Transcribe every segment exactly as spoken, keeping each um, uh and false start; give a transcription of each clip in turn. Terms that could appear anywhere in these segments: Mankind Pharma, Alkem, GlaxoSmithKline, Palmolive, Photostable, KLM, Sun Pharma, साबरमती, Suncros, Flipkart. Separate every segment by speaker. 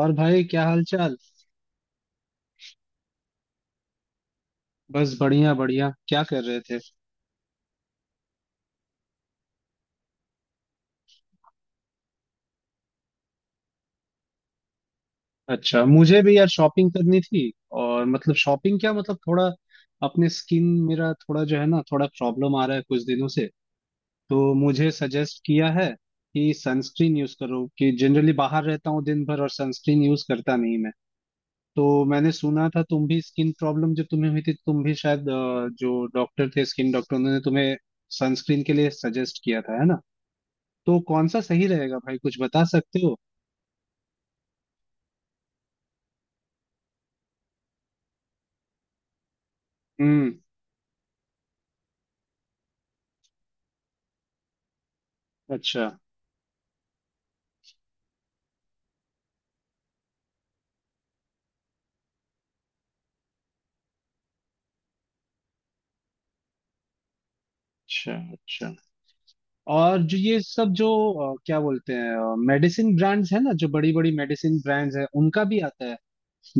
Speaker 1: और भाई, क्या हाल चाल? बस बढ़िया बढ़िया। क्या कर रहे थे? अच्छा, मुझे भी यार शॉपिंग करनी थी। और मतलब शॉपिंग क्या, मतलब थोड़ा अपने स्किन, मेरा थोड़ा जो है ना, थोड़ा प्रॉब्लम आ रहा है कुछ दिनों से। तो मुझे सजेस्ट किया है कि सनस्क्रीन यूज करो। कि जनरली बाहर रहता हूँ दिन भर और सनस्क्रीन यूज करता नहीं मैं। तो मैंने सुना था तुम भी स्किन प्रॉब्लम जब तुम्हें हुई थी तो तुम भी शायद अ, जो डॉक्टर थे स्किन डॉक्टर उन्होंने तुम्हें सनस्क्रीन के लिए सजेस्ट किया था, है ना? तो कौन सा सही रहेगा भाई, कुछ बता सकते हो? हम्म। अच्छा, अच्छा, अच्छा। और जो ये सब जो अ, क्या बोलते हैं, मेडिसिन ब्रांड्स है ना, जो बड़ी बड़ी मेडिसिन ब्रांड्स है उनका भी आता है।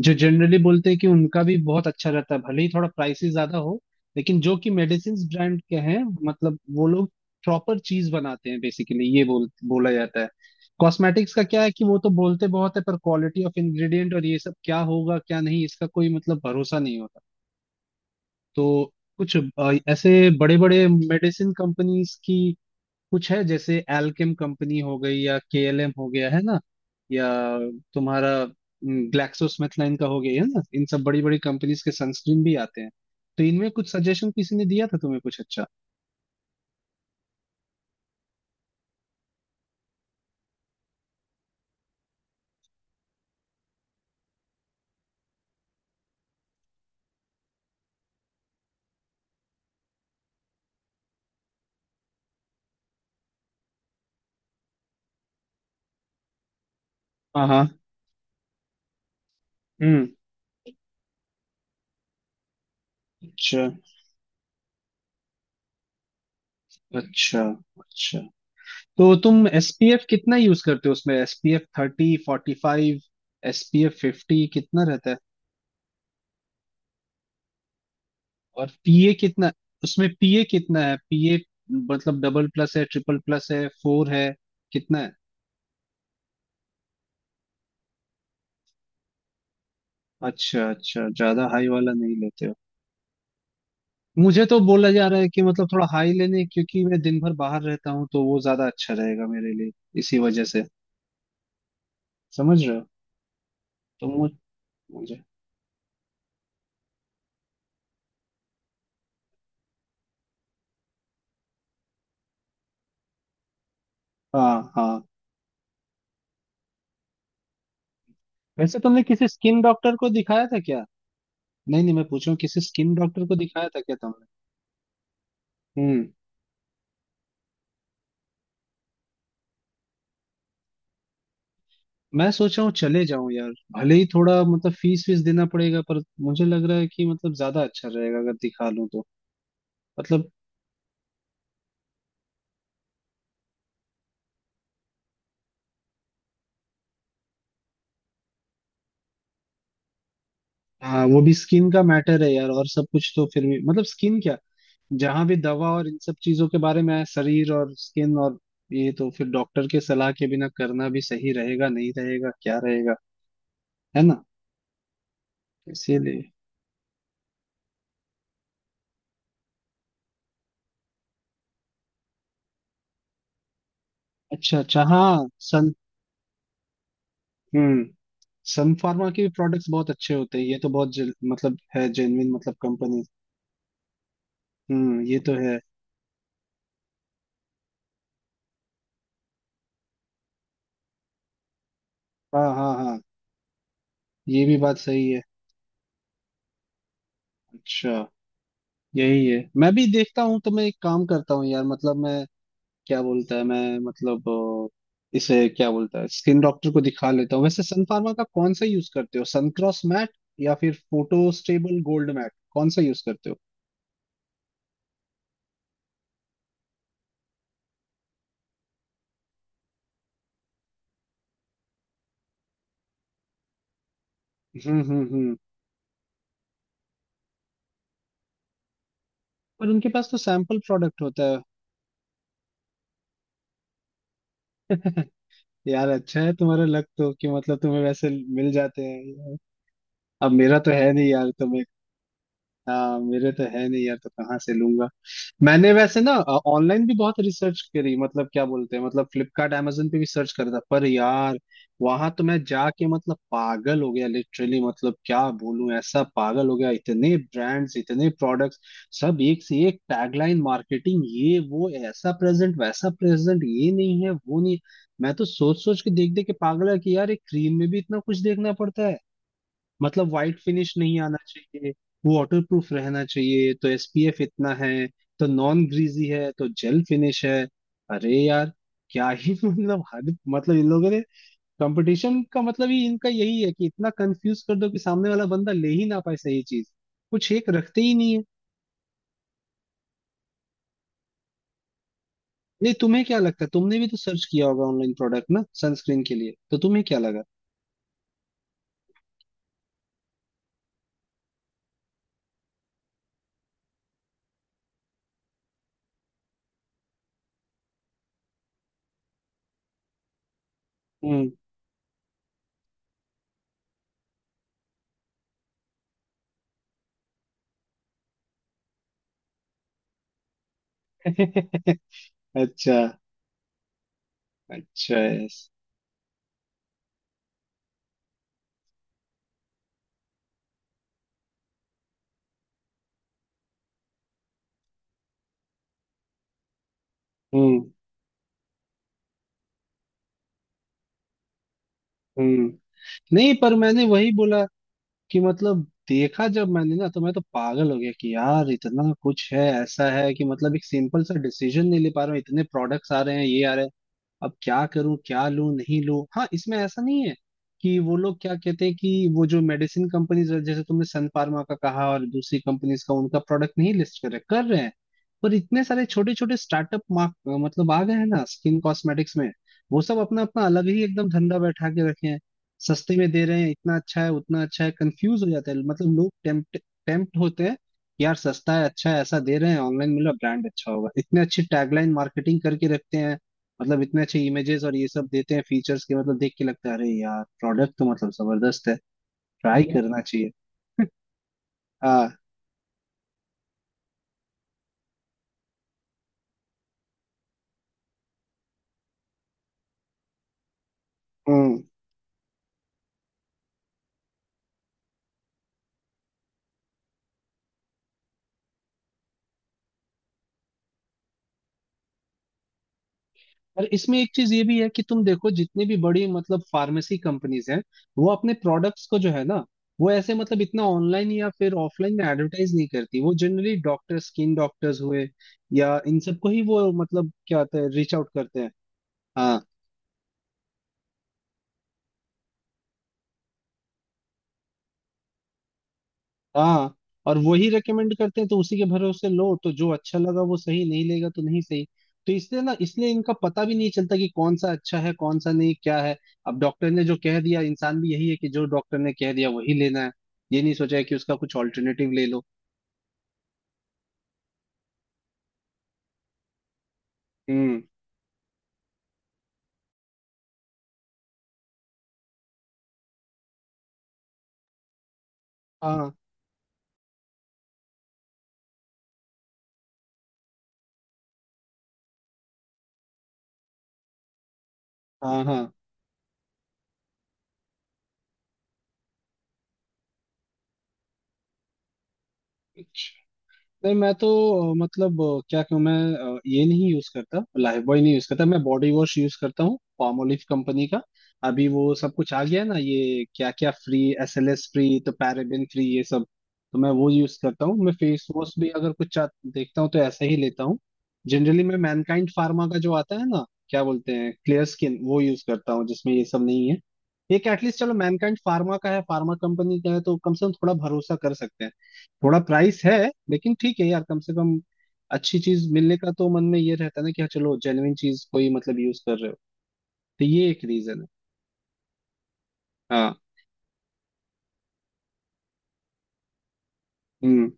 Speaker 1: जो जनरली बोलते हैं कि उनका भी बहुत अच्छा रहता है भले ही थोड़ा प्राइसेस ज्यादा हो, लेकिन जो कि मेडिसिन ब्रांड के हैं। मतलब वो लोग प्रॉपर चीज बनाते हैं बेसिकली, ये बोल बोला जाता है। कॉस्मेटिक्स का क्या है कि वो तो बोलते बहुत है, पर क्वालिटी ऑफ इंग्रेडिएंट और ये सब क्या होगा क्या नहीं, इसका कोई मतलब भरोसा नहीं होता। तो कुछ अ, ऐसे बड़े बड़े मेडिसिन कंपनीज की कुछ है, जैसे एल्केम कंपनी हो गई, या केएलएम हो गया, है ना? या तुम्हारा ग्लैक्सोस्मिथलाइन का हो गया, है ना? इन सब बड़ी बड़ी कंपनीज के सनस्क्रीन भी आते हैं। तो इनमें कुछ सजेशन किसी ने दिया था तुम्हें कुछ अच्छा? हाँ हाँ। हम्म। अच्छा, अच्छा, अच्छा। तो तुम एसपीएफ कितना यूज करते हो, उसमें SPF thirty, forty, five? SPF fifty कितना रहता है? और पीए कितना, उसमें पीए कितना है, पीए? मतलब डबल प्लस है, ट्रिपल प्लस है, फोर है, कितना है? अच्छा अच्छा, ज्यादा हाई वाला नहीं लेते हो। मुझे तो बोला जा रहा है कि मतलब थोड़ा हाई लेने, क्योंकि मैं दिन भर बाहर रहता हूँ तो वो ज्यादा अच्छा रहेगा मेरे लिए। इसी वजह से। समझ रहे हो? तो मु- मुझे। हाँ हाँ। वैसे तुमने किसी स्किन डॉक्टर को दिखाया था क्या? नहीं नहीं, मैं पूछ रहा हूँ किसी स्किन डॉक्टर को दिखाया था क्या तुमने? मैं सोच रहा हूँ चले जाऊं यार, भले ही थोड़ा मतलब फीस वीस देना पड़ेगा, पर मुझे लग रहा है कि मतलब ज्यादा अच्छा रहेगा अगर दिखा लूं तो। मतलब। हाँ, वो भी स्किन का मैटर है यार, और सब कुछ तो फिर भी, मतलब स्किन क्या, जहां भी दवा और इन सब चीजों के बारे में है, शरीर और स्किन और, ये तो फिर डॉक्टर के सलाह के बिना करना भी सही रहेगा नहीं रहेगा क्या रहेगा, है ना? इसीलिए। अच्छा अच्छा। हाँ, सन। हम्म। सन फार्मा के भी प्रोडक्ट्स बहुत अच्छे होते हैं, ये तो बहुत जेन- मतलब है जेन्युइन मतलब कंपनी। हम्म, ये तो है। हाँ हाँ हाँ, ये भी बात सही है। अच्छा। यही है, मैं भी देखता हूँ। तो मैं एक काम करता हूँ यार, मतलब मैं क्या बोलता है, मैं मतलब अ, इसे क्या बोलता है, स्किन डॉक्टर को दिखा लेता हूँ। वैसे सन फार्मा का कौन सा यूज करते हो, सनक्रॉस मैट या फिर फोटो स्टेबल गोल्ड मैट, कौन सा यूज करते हो? हम्म हम्म हम्म। पर उनके पास तो सैंपल प्रोडक्ट होता है। यार अच्छा है तुम्हारा लक तो, कि मतलब तुम्हें वैसे मिल जाते हैं यार। अब मेरा तो है नहीं यार, तुम्हें। हाँ, मेरे तो है नहीं यार, तो कहाँ से लूंगा। मैंने वैसे ना ऑनलाइन भी बहुत रिसर्च करी, मतलब क्या बोलते हैं, मतलब फ्लिपकार्ट amazon पे भी सर्च करा था, पर यार वहां तो मैं जाके मतलब पागल हो गया लिटरली, मतलब क्या बोलूं, ऐसा पागल हो गया, इतने ब्रांड्स, इतने प्रोडक्ट्स, सब एक से एक टैगलाइन मार्केटिंग, ये वो, ऐसा प्रेजेंट वैसा प्रेजेंट, ये नहीं है वो नहीं। मैं तो सोच सोच के, देख देख के पागल है कि यार एक क्रीम में भी इतना कुछ देखना पड़ता है। मतलब वाइट फिनिश नहीं आना चाहिए, वाटर प्रूफ रहना चाहिए, तो एसपीएफ इतना है, तो नॉन ग्रीजी है, तो जेल फिनिश है। अरे यार, क्या ही मतलब हद, मतलब इन लोगों ने कंपटीशन का मतलब ही इनका यही है कि इतना कंफ्यूज कर दो कि सामने वाला बंदा ले ही ना पाए सही चीज। कुछ एक रखते ही नहीं है। नहीं, तुम्हें क्या लगता है, तुमने भी तो सर्च किया होगा ऑनलाइन प्रोडक्ट ना सनस्क्रीन के लिए, तो तुम्हें क्या लगा? हम्म। अच्छा अच्छा, yes. हम्म हम्म। नहीं पर मैंने वही बोला कि मतलब देखा जब मैंने ना, तो मैं तो पागल हो गया कि यार इतना कुछ है, ऐसा है कि मतलब एक सिंपल सा डिसीजन नहीं ले पा रहा हूँ, इतने प्रोडक्ट्स आ रहे हैं, ये आ रहे हैं, अब क्या करूं, क्या लूं नहीं लूं। हाँ, इसमें ऐसा नहीं है कि वो लोग क्या कहते हैं कि, वो जो मेडिसिन कंपनीज, जैसे तुमने सन फार्मा का कहा और दूसरी कंपनीज का, उनका प्रोडक्ट नहीं लिस्ट कर रहे कर रहे हैं, पर इतने सारे छोटे छोटे स्टार्टअप मार्क मतलब आ गए हैं ना स्किन कॉस्मेटिक्स में। वो सब अपना अपना अलग ही एकदम धंधा बैठा के रखे हैं, सस्ते में दे रहे हैं, इतना अच्छा है उतना अच्छा है, कंफ्यूज हो जाता है, मतलब लोग टेम्प्ट टेम्प्ट होते हैं। यार सस्ता है, अच्छा है, ऐसा दे रहे हैं, ऑनलाइन मिला ब्रांड अच्छा होगा, इतने अच्छी टैगलाइन मार्केटिंग करके रखते हैं, मतलब इतने अच्छे इमेजेस और ये सब देते हैं फीचर्स के, मतलब देख के लगता है अरे यार प्रोडक्ट तो मतलब जबरदस्त है, ट्राई करना चाहिए। हाँ। हम्म। और इसमें एक चीज ये भी है कि तुम देखो, जितनी भी बड़ी मतलब फार्मेसी कंपनीज हैं, वो अपने प्रोडक्ट्स को जो है ना, वो ऐसे मतलब इतना ऑनलाइन या फिर ऑफलाइन में एडवर्टाइज नहीं करती, वो जनरली डॉक्टर, स्किन डॉक्टर्स हुए, या इन सबको ही वो मतलब क्या होता है, रीच आउट करते हैं। हाँ, हाँ। और वही रेकमेंड करते हैं, तो उसी के भरोसे लो तो जो अच्छा लगा वो सही नहीं लेगा तो नहीं सही। तो इसलिए ना, इसलिए इनका पता भी नहीं चलता कि कौन सा अच्छा है, कौन सा नहीं, क्या है। अब डॉक्टर ने जो कह दिया, इंसान भी यही है कि जो डॉक्टर ने कह दिया वही लेना है, ये नहीं सोचा है कि उसका कुछ ऑल्टरनेटिव ले लो। हम्म। हाँ हाँ हाँ। नहीं मैं तो अ, मतलब अ, क्या कहूँ मैं, अ, ये नहीं यूज करता, लाइफ बॉय नहीं यूज करता मैं, बॉडी वॉश यूज करता हूँ, पामोलिव कंपनी का। अभी वो सब कुछ आ गया है ना, ये क्या क्या free, S L S free तो पैराबेन फ्री, ये सब। तो मैं वो यूज करता हूँ। मैं फेस वॉश भी अगर कुछ चा- देखता हूँ तो ऐसा ही लेता हूँ। जनरली मैं मैनकाइंड फार्मा का जो आता है ना, क्या बोलते हैं, क्लियर स्किन वो यूज करता हूँ, जिसमें ये सब नहीं है। एक एटलीस्ट चलो मैनकाइंड फार्मा का है, फार्मा कंपनी का है तो कम से कम थोड़ा भरोसा कर सकते हैं। थोड़ा प्राइस है, लेकिन ठीक है यार, कम से कम अच्छी चीज मिलने का तो मन में ये रहता है ना कि हाँ चलो जेन्युइन चीज कोई मतलब यूज कर रहे हो। तो ये एक रीजन है। हाँ। हम्म।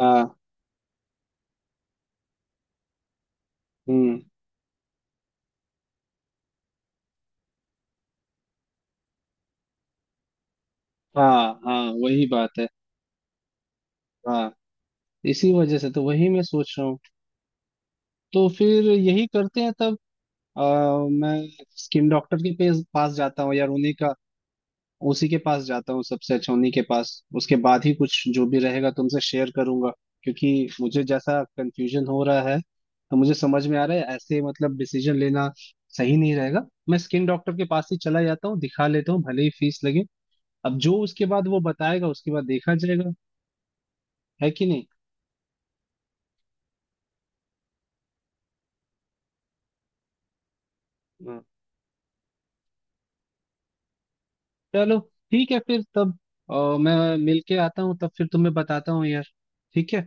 Speaker 1: हाँ। हम्म। हाँ हाँ वही बात है। हाँ। इसी वजह से तो वही मैं सोच रहा हूँ। तो फिर यही करते हैं तब। आ, मैं स्किन डॉक्टर के पेस- पास जाता हूँ यार, उन्हीं का, उसी के पास जाता हूँ, सबसे अच्छा उन्हीं के पास। उसके बाद ही कुछ जो भी रहेगा तुमसे शेयर करूंगा। क्योंकि मुझे जैसा कंफ्यूजन हो रहा है, तो मुझे समझ में आ रहा है ऐसे मतलब डिसीजन लेना सही नहीं रहेगा। मैं स्किन डॉक्टर के पास ही चला जाता हूँ, दिखा लेता हूँ, भले ही फीस लगे। अब जो उसके बाद वो बताएगा उसके बाद देखा जाएगा, है कि नहीं। हम्म। चलो, ठीक है फिर तब। अ, मैं मिल के आता हूँ, तब फिर तुम्हें बताता हूँ यार। ठीक है।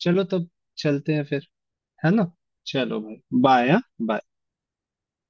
Speaker 1: चलो तब। चलते हैं फिर। है ना? चलो भाई। बाय। हाँ बाय।